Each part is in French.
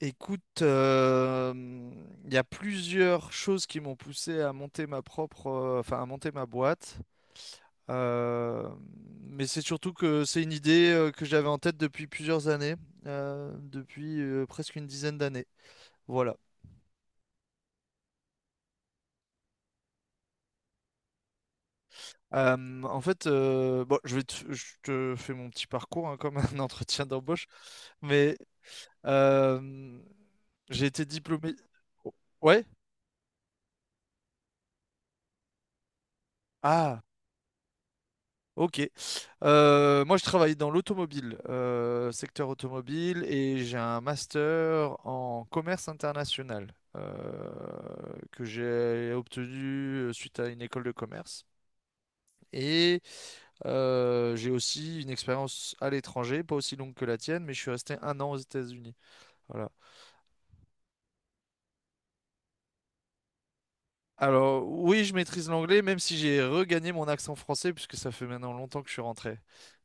Écoute, il y a plusieurs choses qui m'ont poussé à monter ma propre, enfin à monter ma boîte. Euh, mais c'est surtout que c'est une idée que j'avais en tête depuis plusieurs années, depuis presque une dizaine d'années. Voilà. En fait, bon, je te fais mon petit parcours hein, comme un entretien d'embauche, mais euh, j'ai été diplômé. Ouais? Ah. Ok. Moi, je travaille dans l'automobile, secteur automobile, et j'ai un master en commerce international euh, que j'ai obtenu suite à une école de commerce. Et j'ai aussi une expérience à l'étranger, pas aussi longue que la tienne, mais je suis resté un an aux États-Unis. Voilà. Alors, oui, je maîtrise l'anglais, même si j'ai regagné mon accent français, puisque ça fait maintenant longtemps que je suis rentré.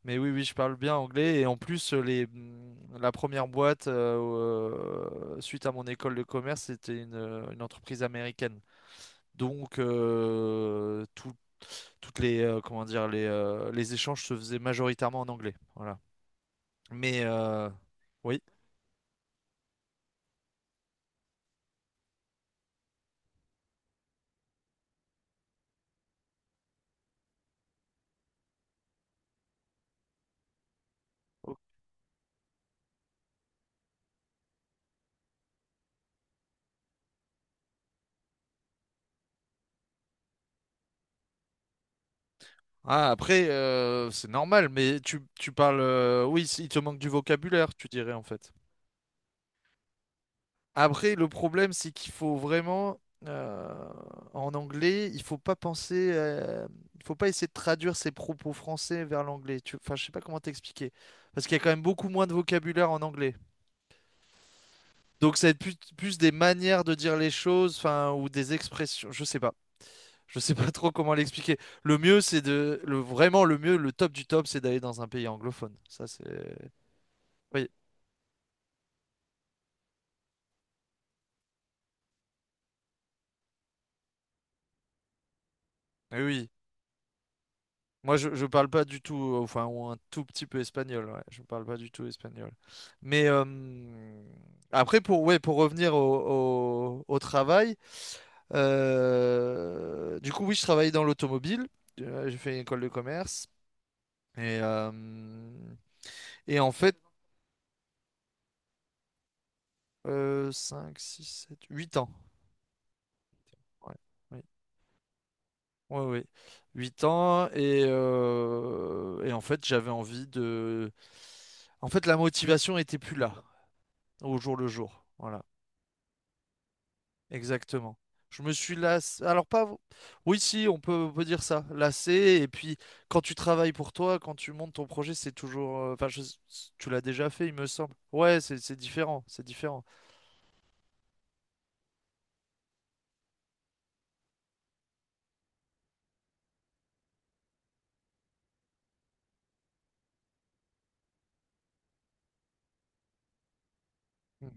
Mais oui, oui, je parle bien anglais. Et en plus, la première boîte, suite à mon école de commerce, c'était une entreprise américaine. Donc, toutes les, comment dire, les échanges se faisaient majoritairement en anglais. Voilà. Mais, oui. Ah, après, c'est normal, mais tu parles, oui, il te manque du vocabulaire, tu dirais, en fait. Après, le problème, c'est qu'il faut vraiment, euh, en anglais, il faut pas penser, il faut pas essayer de traduire ses propos français vers l'anglais. Enfin, je sais pas comment t'expliquer, parce qu'il y a quand même beaucoup moins de vocabulaire en anglais. Donc, ça va être plus des manières de dire les choses, enfin, ou des expressions. Je sais pas trop comment l'expliquer. Le mieux, c'est le vraiment le mieux, le top du top, c'est d'aller dans un pays anglophone. Ça, c'est, oui, oui, oui. Moi, je parle pas du tout, enfin, ou un tout petit peu espagnol, ouais. Je ne parle pas du tout espagnol. Mais après, pour, ouais, pour revenir au travail, du coup, oui, je travaillais dans l'automobile. J'ai fait une école de commerce. Et, euh, et en fait, 5, 6, 7, 8 ans. Ouais, oui, oui, oui. 8 ans. Et en fait, j'avais envie de... En fait, la motivation était plus là au jour le jour. Voilà, exactement. Je me suis lassé. Alors pas. Oui, si, on peut dire ça. Lassé. Et puis, quand tu travailles pour toi, quand tu montes ton projet, c'est toujours. Enfin, tu l'as déjà fait, il me semble. Ouais, c'est différent. C'est différent. Mm.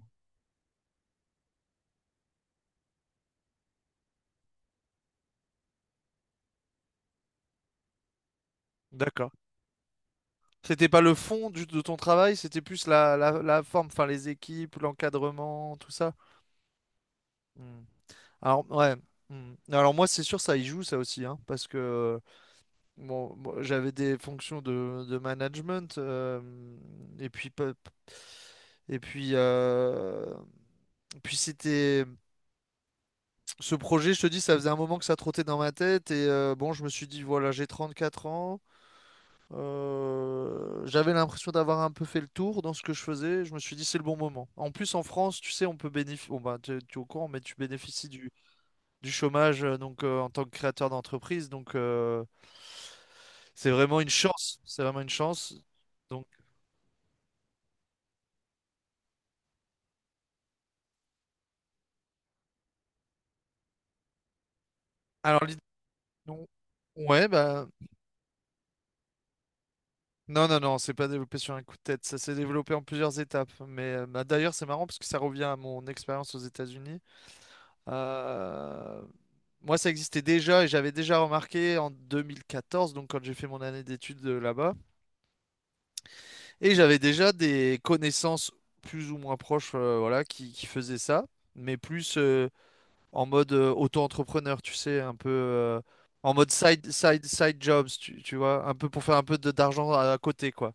D'accord. C'était pas le fond de ton travail, c'était plus la forme, enfin les équipes, l'encadrement, tout ça. Mm. Alors, ouais. Mm. Alors moi, c'est sûr, ça y joue, ça aussi, hein, parce que bon, j'avais des fonctions de management, et puis pe- et puis c'était ce projet, je te dis, ça faisait un moment que ça trottait dans ma tête et bon, je me suis dit voilà, j'ai 34 ans, j'avais l'impression d'avoir un peu fait le tour dans ce que je faisais, je me suis dit c'est le bon moment. En plus en France, tu sais, on peut bénéficier, bon bah tu es au courant, mais tu bénéficies du chômage, donc en tant que créateur d'entreprise. Donc, c'est vraiment une chance. C'est vraiment une chance. Donc alors non. Ouais bah non non non, c'est pas développé sur un coup de tête. Ça s'est développé en plusieurs étapes. Mais bah, d'ailleurs c'est marrant parce que ça revient à mon expérience aux États-Unis. Euh, Moi, ça existait déjà et j'avais déjà remarqué en 2014, donc quand j'ai fait mon année d'études là-bas, et j'avais déjà des connaissances plus ou moins proches, voilà, qui faisaient ça, mais plus en mode auto-entrepreneur, tu sais, un peu en mode side jobs, tu vois, un peu pour faire un peu d'argent à côté, quoi.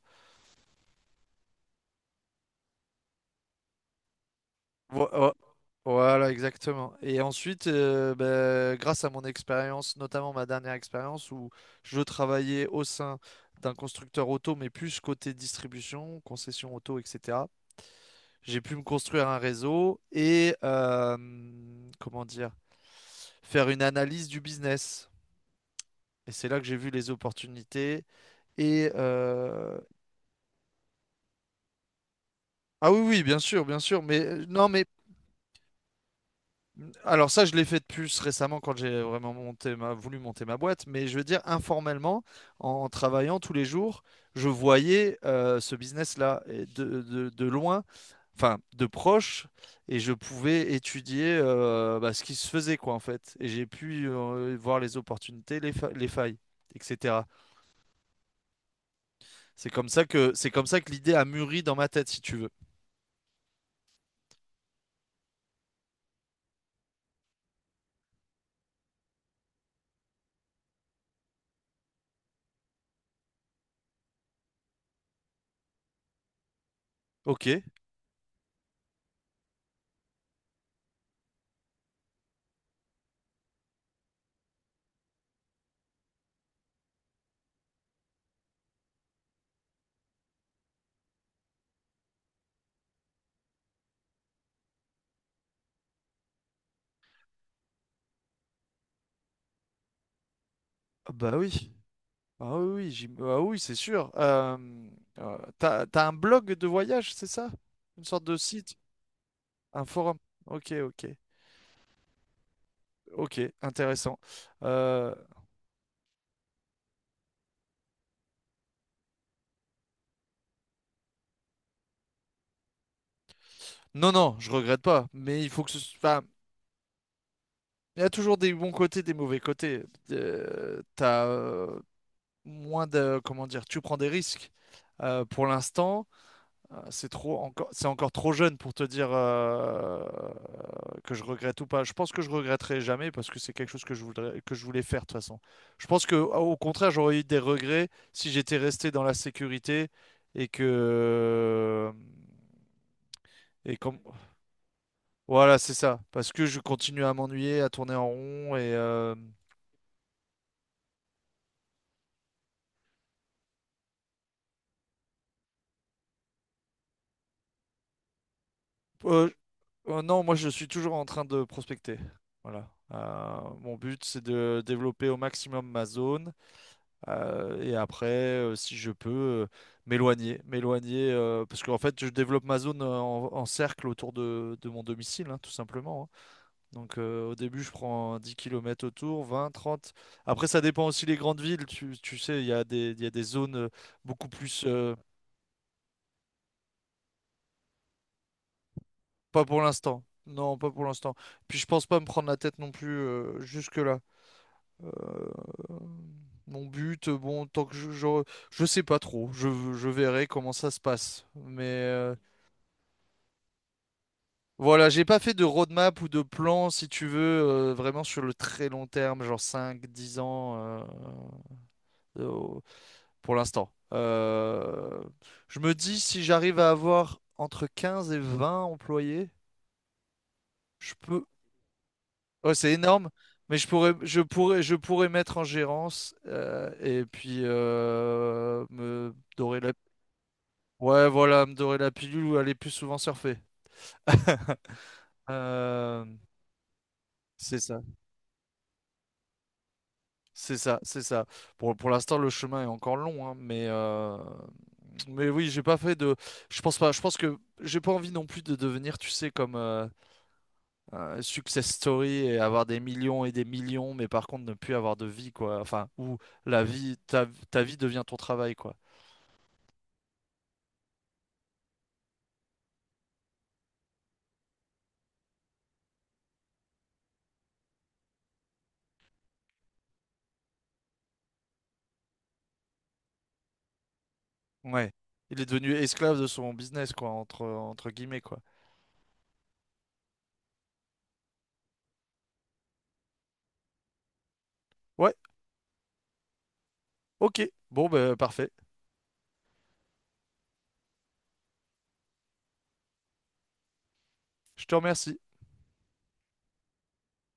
Vo- vo- Voilà, exactement. Et ensuite, ben, grâce à mon expérience, notamment ma dernière expérience où je travaillais au sein d'un constructeur auto, mais plus côté distribution, concession auto, etc. J'ai pu me construire un réseau et, comment dire, faire une analyse du business. Et c'est là que j'ai vu les opportunités. Et ah oui, oui, bien sûr, bien sûr. Mais non, mais alors ça, je l'ai fait de plus récemment quand j'ai vraiment monté ma, voulu monter ma boîte. Mais je veux dire informellement, en travaillant tous les jours, je voyais ce business-là et de loin, enfin de proche, et je pouvais étudier, bah, ce qui se faisait quoi en fait. Et j'ai pu voir les opportunités, les failles, etc. C'est comme ça que l'idée a mûri dans ma tête, si tu veux. Ok. Ah bah oui, ah oui, oui, ah oui, c'est sûr. T'as un blog de voyage, c'est ça? Une sorte de site, un forum. Ok, ok, ok, intéressant. Euh, non, non, je regrette pas, mais il faut que ce soit. Il y a toujours des bons côtés, des mauvais côtés. T'as moins de, comment dire, tu prends des risques. Pour l'instant, c'est trop encore, c'est encore trop jeune pour te dire que je regrette ou pas. Je pense que je regretterai jamais parce que c'est quelque chose que je voudrais, que je voulais faire de toute façon. Je pense que au contraire, j'aurais eu des regrets si j'étais resté dans la sécurité et que et comme voilà, c'est ça. Parce que je continue à m'ennuyer, à tourner en rond et, euh, non, moi je suis toujours en train de prospecter. Voilà. Mon but, c'est de développer au maximum ma zone. Et après, si je peux, m'éloigner, parce qu'en fait, je développe ma zone en cercle autour de mon domicile, hein, tout simplement, hein. Donc, au début, je prends 10 kilomètres autour, 20, 30. Après, ça dépend aussi des grandes villes. Tu sais, il y a des, il y a des zones beaucoup plus. Pas pour l'instant. Non, pas pour l'instant. Puis, je pense pas me prendre la tête non plus jusque-là. Euh, Mon but, bon, tant que je sais pas trop, je verrai comment ça se passe. Mais voilà, j'ai pas fait de roadmap ou de plan, si tu veux, vraiment sur le très long terme, genre 5-10 ans, euh, pour l'instant. Je me dis, si j'arrive à avoir entre 15 et 20 employés, je peux... Ouais, c'est énorme, mais je pourrais mettre en gérance, et puis, me dorer la ouais, voilà, me dorer la pilule ou aller plus souvent surfer. Euh, c'est ça, c'est ça, c'est ça. Pour l'instant, le chemin est encore long, hein, mais, mais oui, j'ai pas fait de. Je pense pas, je pense que j'ai pas envie non plus de devenir, tu sais, comme un success story et avoir des millions et des millions, mais par contre ne plus avoir de vie, quoi. Enfin, où la vie, ta, ta vie devient ton travail, quoi. Ouais. Il est devenu esclave de son business, quoi, entre guillemets, quoi. Ouais, ok. Bon, ben, parfait. Je te remercie.